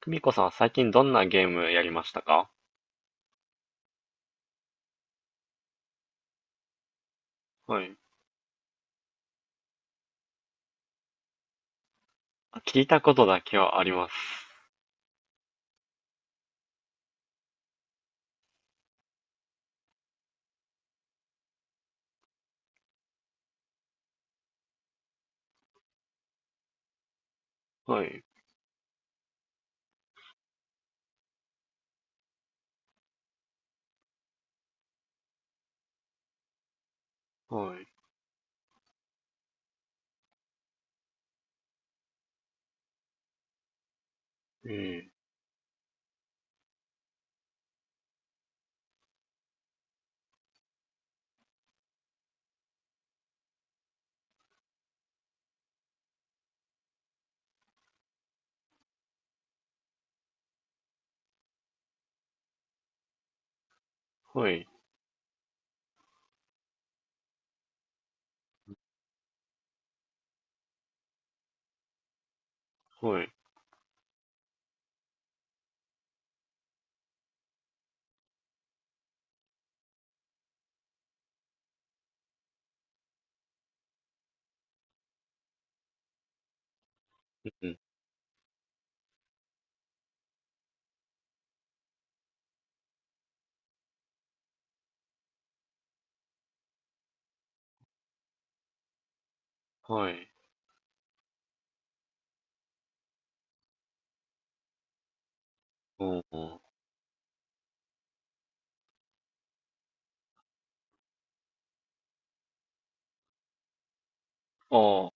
久美子さんは最近どんなゲームやりましたか？はい。あ、聞いたことだけはあります。はい。はい。ええ。はい。はい。うん。はい。おお。あ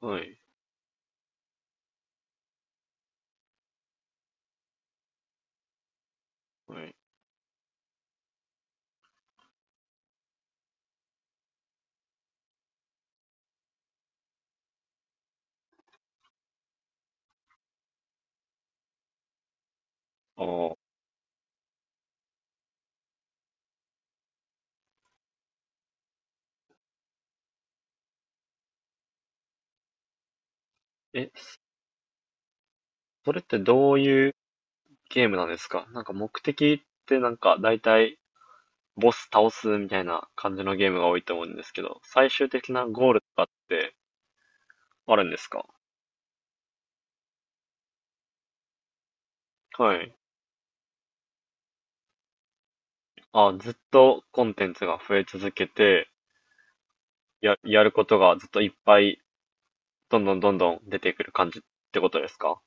あ。はい。はい。ああ。え、それってどういうゲームなんですか？なんか目的って、なんか大体ボス倒すみたいな感じのゲームが多いと思うんですけど、最終的なゴールとかってあるんですか？はい。あ、ずっとコンテンツが増え続けて、やることがずっといっぱいどんどんどんどん出てくる感じってことですか？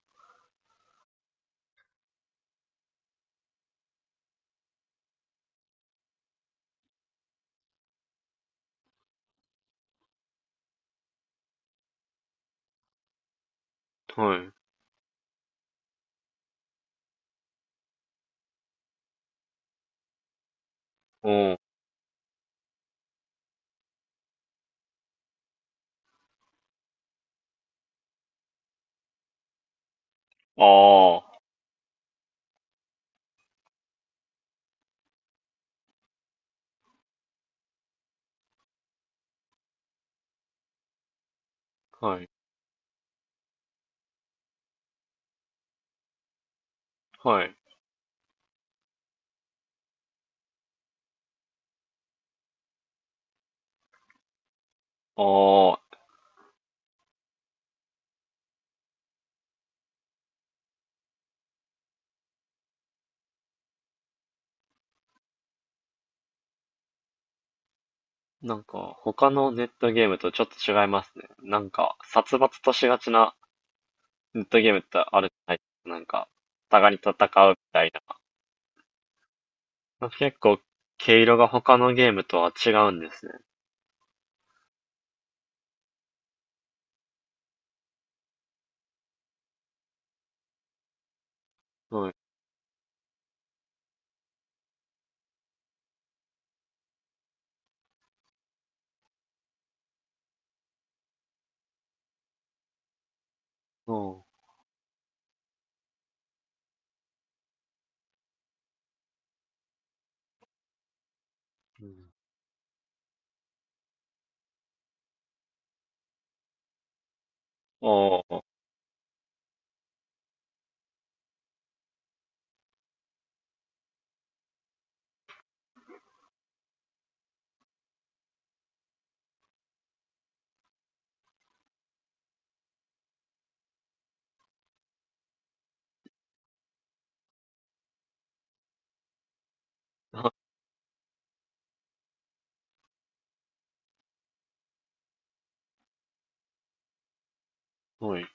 はい。おー。ああ。はい。はい。ああ。なんか、他のネットゲームとちょっと違いますね。なんか、殺伐としがちなネットゲームってあるじゃないですか。なんか、お互いに戦うみたいな。結構、毛色が他のゲームとは違うんですね。はい。おー。うん。ああ。はい。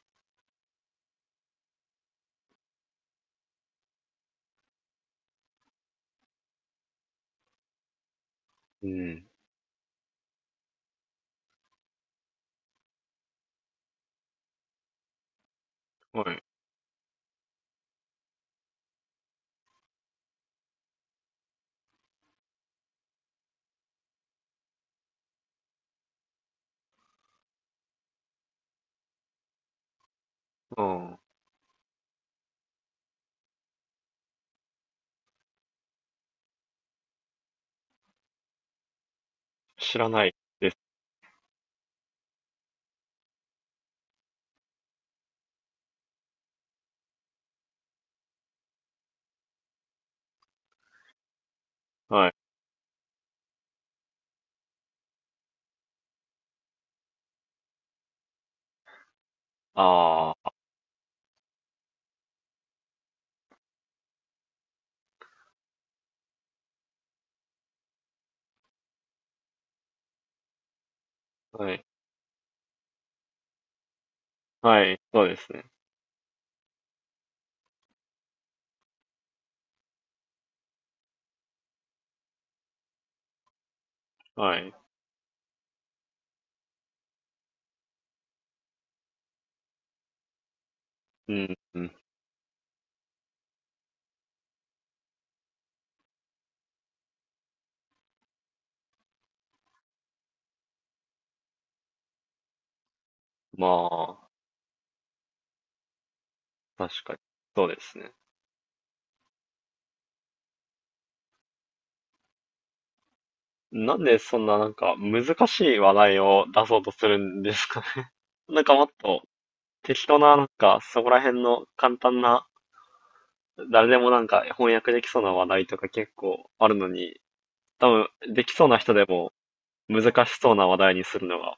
うん。はい。うん。知らないです。はい。ああ。はい。はい。そうですね。はい。うん、うん。まあ、確かに。そうですね。なんでそんななんか難しい話題を出そうとするんですかね？ なんかもっと適当な、なんかそこら辺の簡単な、誰でもなんか翻訳できそうな話題とか結構あるのに、多分できそうな人でも難しそうな話題にするのが。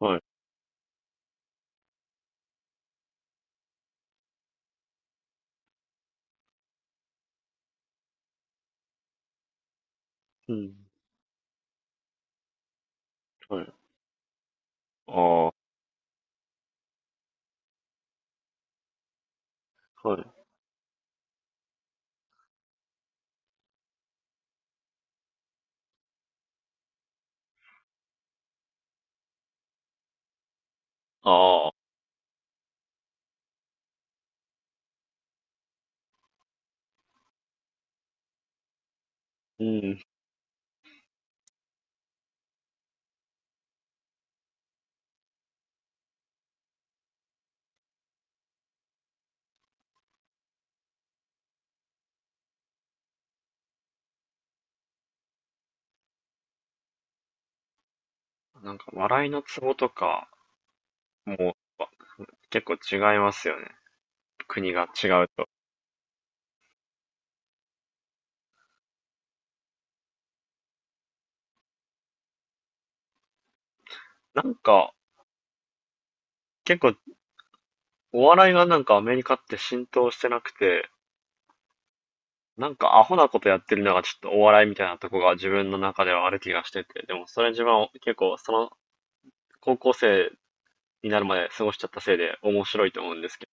はい。うん。はい。ああ。はい。ああ。うん。なんか笑いのツボとかも結構違いますよね。国が違うと。なんか、結構、お笑いがなんかアメリカって浸透してなくて、なんかアホなことやってるのがちょっとお笑いみたいなとこが自分の中ではある気がしてて、でもそれ自分は結構その高校生になるまで過ごしちゃったせいで面白いと思うんですけ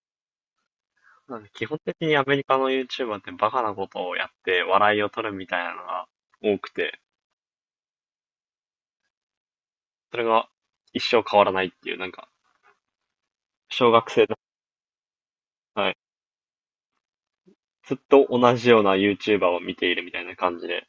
ど、なんか基本的にアメリカの YouTuber ってバカなことをやって笑いを取るみたいなのが多くて、それが一生変わらないっていう、なんか小学生の、はい、ずっと同じような YouTuber を見ているみたいな感じで、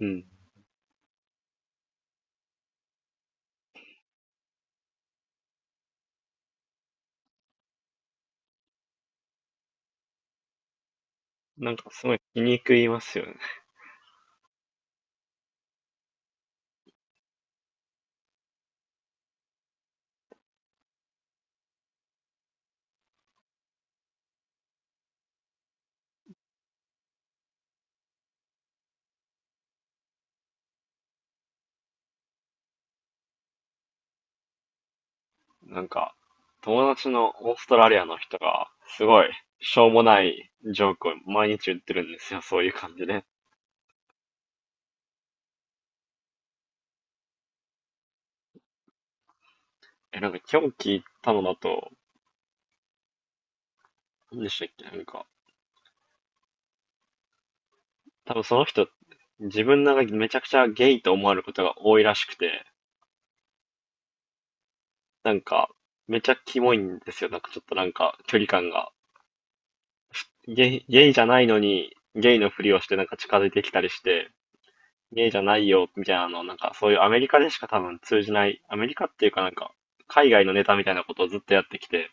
うん、なんかすごい気に食いますよね。なんか、友達のオーストラリアの人が、すごい、しょうもないジョークを毎日言ってるんですよ、そういう感じで。え、なんか今日聞いたのだと、何でしたっけ、なんか、多分その人、自分なんかめちゃくちゃゲイと思われることが多いらしくて、なんか、めちゃキモいんですよ、なんかちょっとなんか、距離感が。ゲイ、ゲイじゃないのに、ゲイのふりをしてなんか近づいてきたりして、家じゃないよ、みたいなの、なんかそういうアメリカでしか多分通じない、アメリカっていうか、なんか、海外のネタみたいなことをずっとやってきて、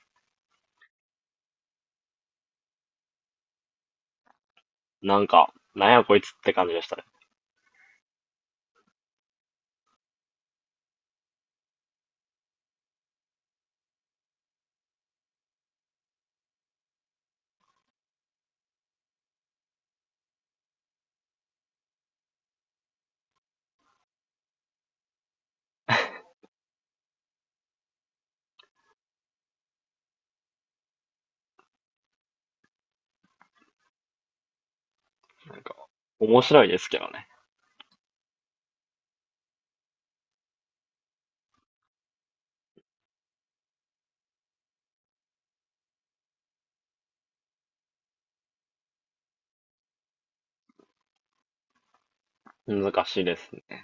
なんか、なんやこいつって感じでしたね。面白いですけどね。難しいですね。